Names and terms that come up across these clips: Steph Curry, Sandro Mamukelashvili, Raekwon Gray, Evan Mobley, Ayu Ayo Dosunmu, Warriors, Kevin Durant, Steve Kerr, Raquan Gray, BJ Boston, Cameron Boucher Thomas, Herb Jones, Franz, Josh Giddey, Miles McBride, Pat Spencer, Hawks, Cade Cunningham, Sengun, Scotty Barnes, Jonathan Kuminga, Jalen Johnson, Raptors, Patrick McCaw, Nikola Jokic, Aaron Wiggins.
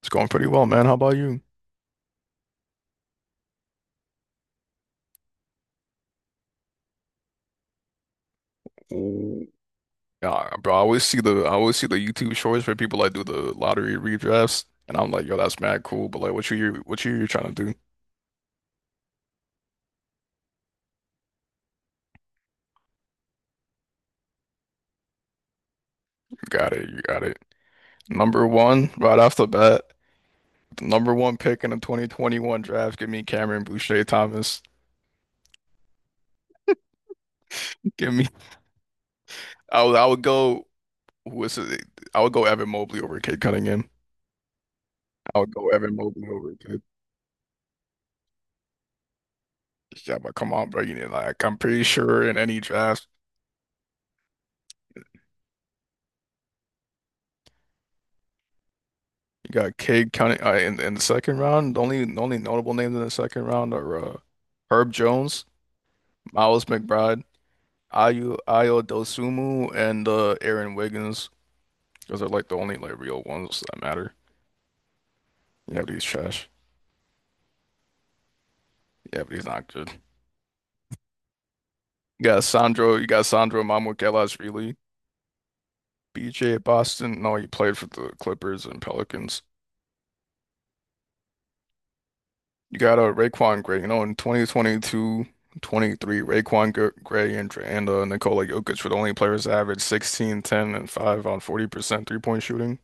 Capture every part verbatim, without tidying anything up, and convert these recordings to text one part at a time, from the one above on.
It's going pretty well, man. How about you? Yeah, bro, I always see the I always see the YouTube shorts where people like do the lottery redrafts, and I'm like, yo, that's mad cool. But like, what you what you you trying to do? You got it, you got it. Number one, right off the bat, the number one pick in the twenty twenty-one draft. Give me Cameron Boucher Thomas. Give me. I would I would go. Who is it? I would go Evan Mobley over Cade Cunningham. I would go Evan Mobley over Cade. Yeah, but come on, bro. You need like I'm pretty sure in any draft. You got Cade Cunning uh, in in the second round. The only the only notable names in the second round are uh, Herb Jones, Miles McBride, Ayu Ayo Dosunmu, and uh, Aaron Wiggins. Those are like the only like real ones that matter. Yeah, but he's trash. Yeah, but he's not good. You got Sandro. You got Sandro Mamukelashvili, B J Boston. No, he played for the Clippers and Pelicans. You got a uh, Raquan Gray, you know, in twenty twenty two, twenty three, Raekwon G- Gray and, and uh, Nikola Jokic were the only players to average sixteen, ten, and five on forty percent three-point shooting.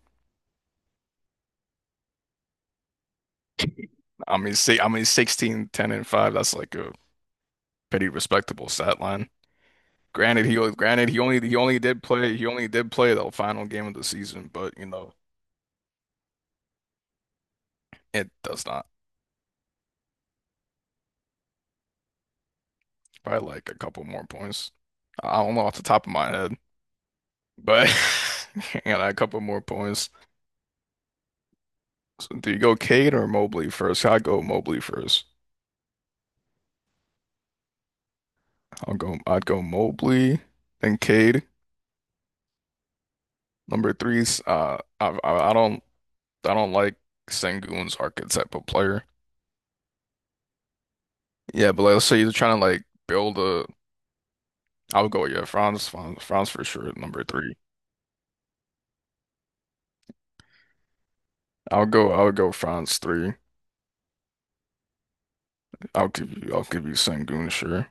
I mean, see, I mean, sixteen, ten, and five, that's like a pretty respectable stat line. Granted, he granted he only he only did play he only did play the final game of the season. But you know, it does not. Probably like a couple more points. I don't know off the top of my head, but yeah, a couple more points. So do you go Cade or Mobley first? I'd go Mobley first. I'll go. I'd go Mobley, then Cade. Number three's. Uh, I, I I don't I don't like Sengun's archetype of player. Yeah, but like let's say you're trying to like build a. I'll go, yeah, Franz, Franz, Franz for sure at number three. I'll go. I'll go Franz three. I'll give you. I'll give you Sengun, sure.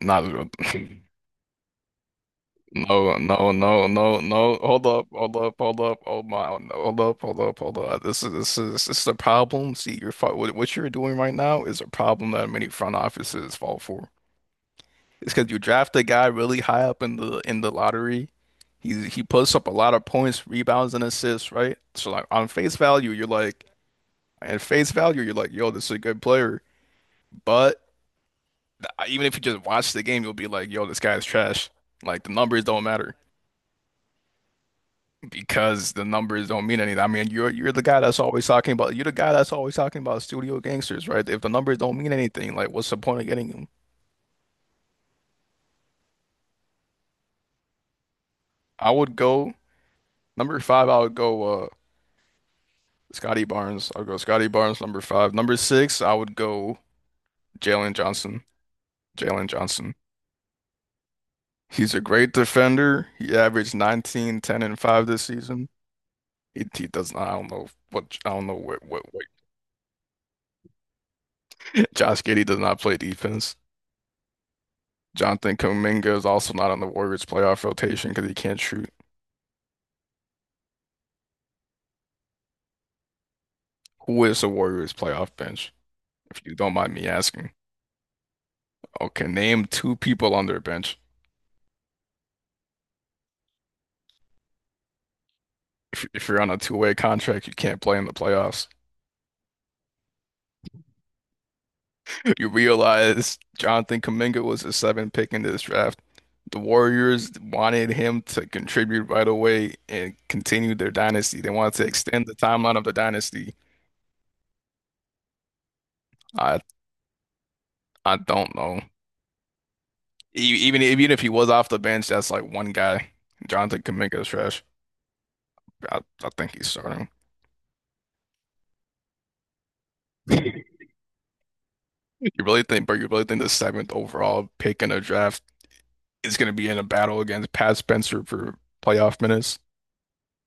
Not. No, no, no, no, no. Hold up, hold up, hold up. Oh my, no, hold up, hold up, hold up. This is this is this is a problem. See, you're fi- what what you're doing right now is a problem that many front offices fall for. It's because you draft a guy really high up in the in the lottery. He he puts up a lot of points, rebounds, and assists, right? So like on face value, you're like, at face value, you're like, yo, this is a good player. But even if you just watch the game, you'll be like, yo, this guy is trash. Like the numbers don't matter, because the numbers don't mean anything. I mean, you're you're the guy that's always talking about you're the guy that's always talking about studio gangsters, right? If the numbers don't mean anything, like what's the point of getting them? I would go number five. I would go uh Scotty Barnes. I'll go Scotty Barnes number five. Number six, I would go Jalen Johnson. Jalen Johnson. He's a great defender. He averaged nineteen ten and five this season. He, he does not. I don't know what I don't know what what, what. Josh Giddey does not play defense. Jonathan Kuminga is also not on the Warriors playoff rotation because he can't shoot. Who is the Warriors playoff bench? If you don't mind me asking. Okay, name two people on their bench. If, if you're on a two-way contract, you can't play in the playoffs. You realize Jonathan Kuminga was the seventh pick in this draft. The Warriors wanted him to contribute right away and continue their dynasty. They wanted to extend the timeline of the dynasty. I I don't know. E- Even even if he was off the bench, that's like one guy. Jonathan Kuminga is trash. I, I think he's starting. You really think, but you really think the seventh overall pick in the draft is going to be in a battle against Pat Spencer for playoff minutes?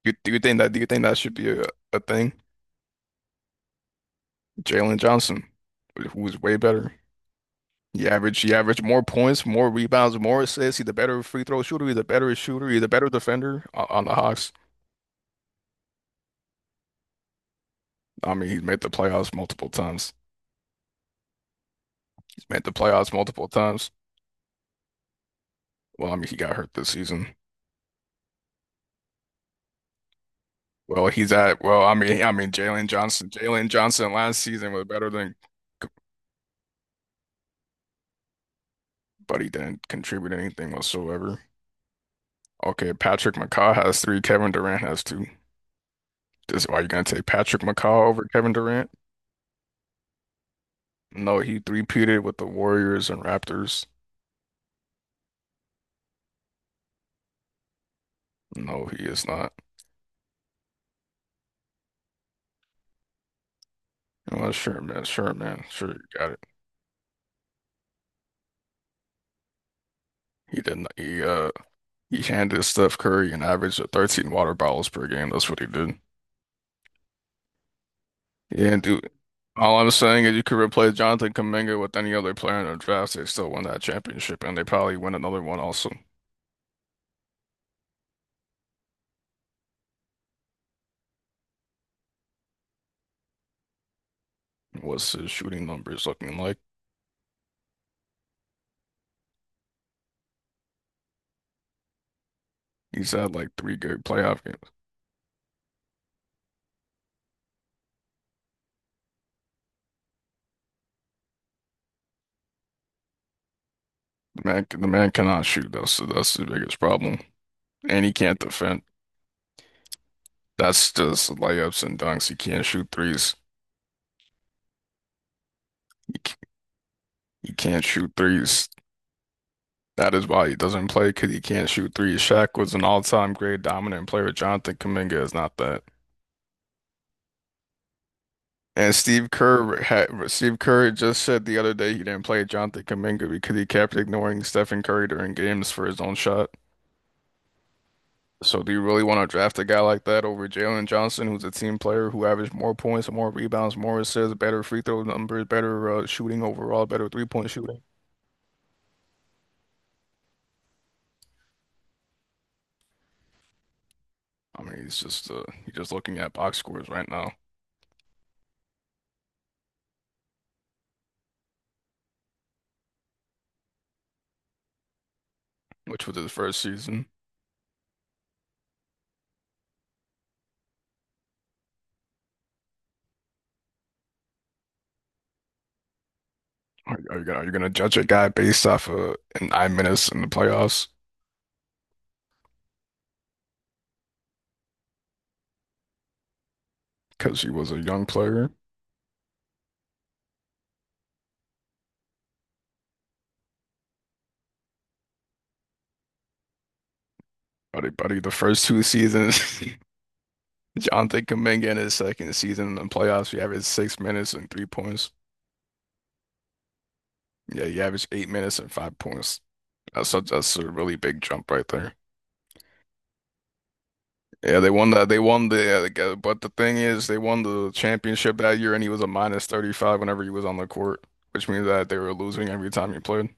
You, do you think that? Do you think that should be a, a thing? Jalen Johnson, who's way better. He averaged, he averaged more points, more rebounds, more assists. He's a better free throw shooter. He's a better shooter. He's a better defender on, on the Hawks. I mean, he's made the playoffs multiple times. He's made the playoffs multiple times. Well, I mean, he got hurt this season. Well, he's at. Well, I mean, I mean, Jalen Johnson. Jalen Johnson last season was better than, but he didn't contribute anything whatsoever. Okay, Patrick McCaw has three. Kevin Durant has two. This why you gonna take Patrick McCaw over Kevin Durant? No, he three-peated with the Warriors and Raptors. No, he is not. Well, sure, man. Sure, man. Sure, you got it. He didn't. He uh, he handed Steph Curry an average of thirteen water bottles per game. That's what he did. He didn't do. All I'm saying is you could replace Jonathan Kuminga with any other player in the draft. They still win that championship, and they probably win another one also. What's his shooting numbers looking like? He's had like three good playoff games. The man, the man cannot shoot. That's that's the biggest problem, and he can't defend. That's just layups and dunks. He can't shoot threes. He, c- he can't shoot threes. That is why he doesn't play because he can't shoot threes. Shaq was an all-time great dominant player. Jonathan Kuminga is not that. And Steve Kerr had Steve Kerr just said the other day he didn't play Jonathan Kuminga because he kept ignoring Stephen Curry during games for his own shot. So do you really want to draft a guy like that over Jalen Johnson, who's a team player who averaged more points, more rebounds, more assists, better free throw numbers, better uh, shooting overall, better three point shooting? I mean, he's just uh, he's just looking at box scores right now, which was his first season. Are, are you gonna, are you gonna judge a guy based off of an I minutes in the playoffs because he was a young player? Buddy, buddy, the first two seasons, Jonathan Kuminga in his second season in the playoffs, he averaged six minutes and three points. Yeah, he averaged eight minutes and five points. That's a, that's a really big jump right there. Yeah, they won that. They won the, uh, like, uh, but the thing is, they won the championship that year, and he was a minus thirty-five whenever he was on the court, which means that they were losing every time he played.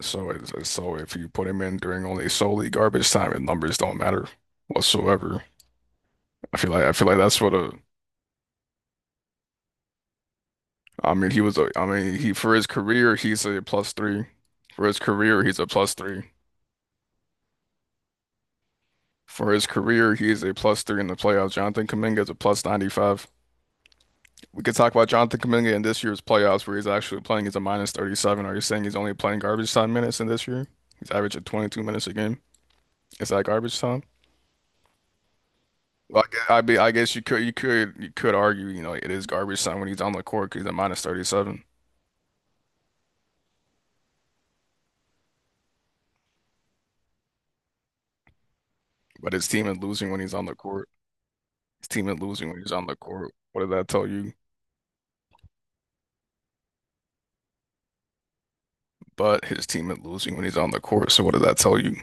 So it's, it's- so if you put him in during only solely garbage time, and numbers don't matter whatsoever. I feel like I feel like that's what a. I mean, he was a, I mean, he for his career, he's a plus three. For his career, he's a plus three. For his career, he is a plus three in the playoffs. Jonathan Kuminga is a plus ninety-five. We could talk about Jonathan Kuminga in this year's playoffs, where he's actually playing. He's a minus thirty-seven. Are you saying he's only playing garbage time minutes in this year? He's averaging twenty-two minutes a game. Is that garbage time? Well, I guess, I be, I guess you could, you could, you could argue, you know, it is garbage time when he's on the court 'cause he's a minus thirty-seven. But his team is losing when he's on the court. His team is losing when he's on the court. What does that tell you? But his team is losing when he's on the court. So what does that tell you?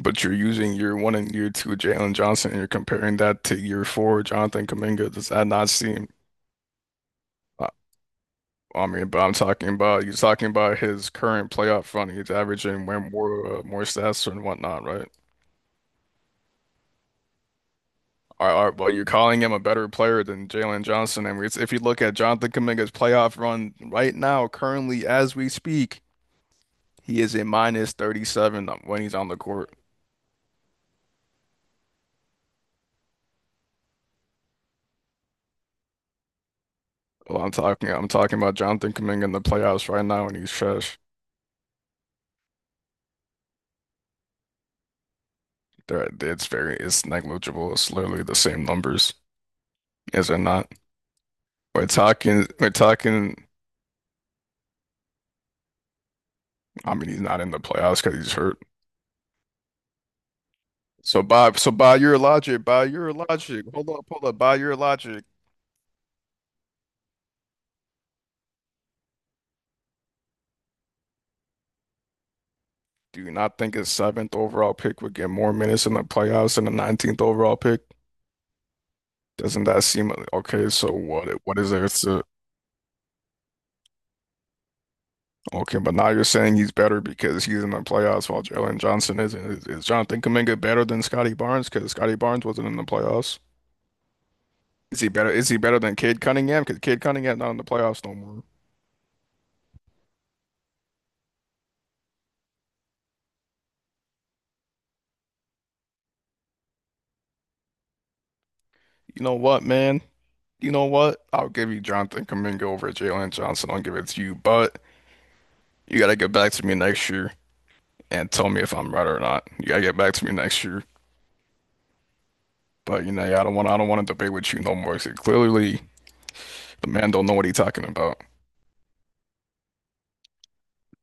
But you're using year one and year two Jalen Johnson, and you're comparing that to year four Jonathan Kuminga. Does that not seem? uh, I mean, but I'm talking about you're talking about his current playoff run. He's averaging way more uh, more stats and whatnot, right? All right, all right, well, you're calling him a better player than Jalen Johnson, and it's- if you look at Jonathan Kuminga's playoff run right now, currently as we speak, he is a minus thirty-seven when he's on the court. Well, I'm talking I'm talking about Jonathan Kuminga in the playoffs right now, and he's trash. There, it's very it's negligible. It's literally the same numbers, is it not? We're talking we're talking. I mean, he's not in the playoffs because he's hurt. So by so by your logic, by your logic, hold up, hold up. By your logic, do you not think his seventh overall pick would get more minutes in the playoffs than the nineteenth overall pick? Doesn't that seem okay? So what what is there to? Okay, but now you're saying he's better because he's in the playoffs while Jalen Johnson isn't. Is, is Jonathan Kuminga better than Scotty Barnes because Scotty Barnes wasn't in the playoffs? Is he better? Is he better than Cade Cunningham? Because Cade Cunningham not in the playoffs no more. You know what, man? You know what? I'll give you Jonathan Kuminga over Jalen Johnson. I'll give it to you, but you gotta get back to me next year and tell me if I'm right or not. You gotta get back to me next year. But you know, yeah, I don't want I don't want to debate with you no more, 'cause clearly, the man don't know what he's talking about.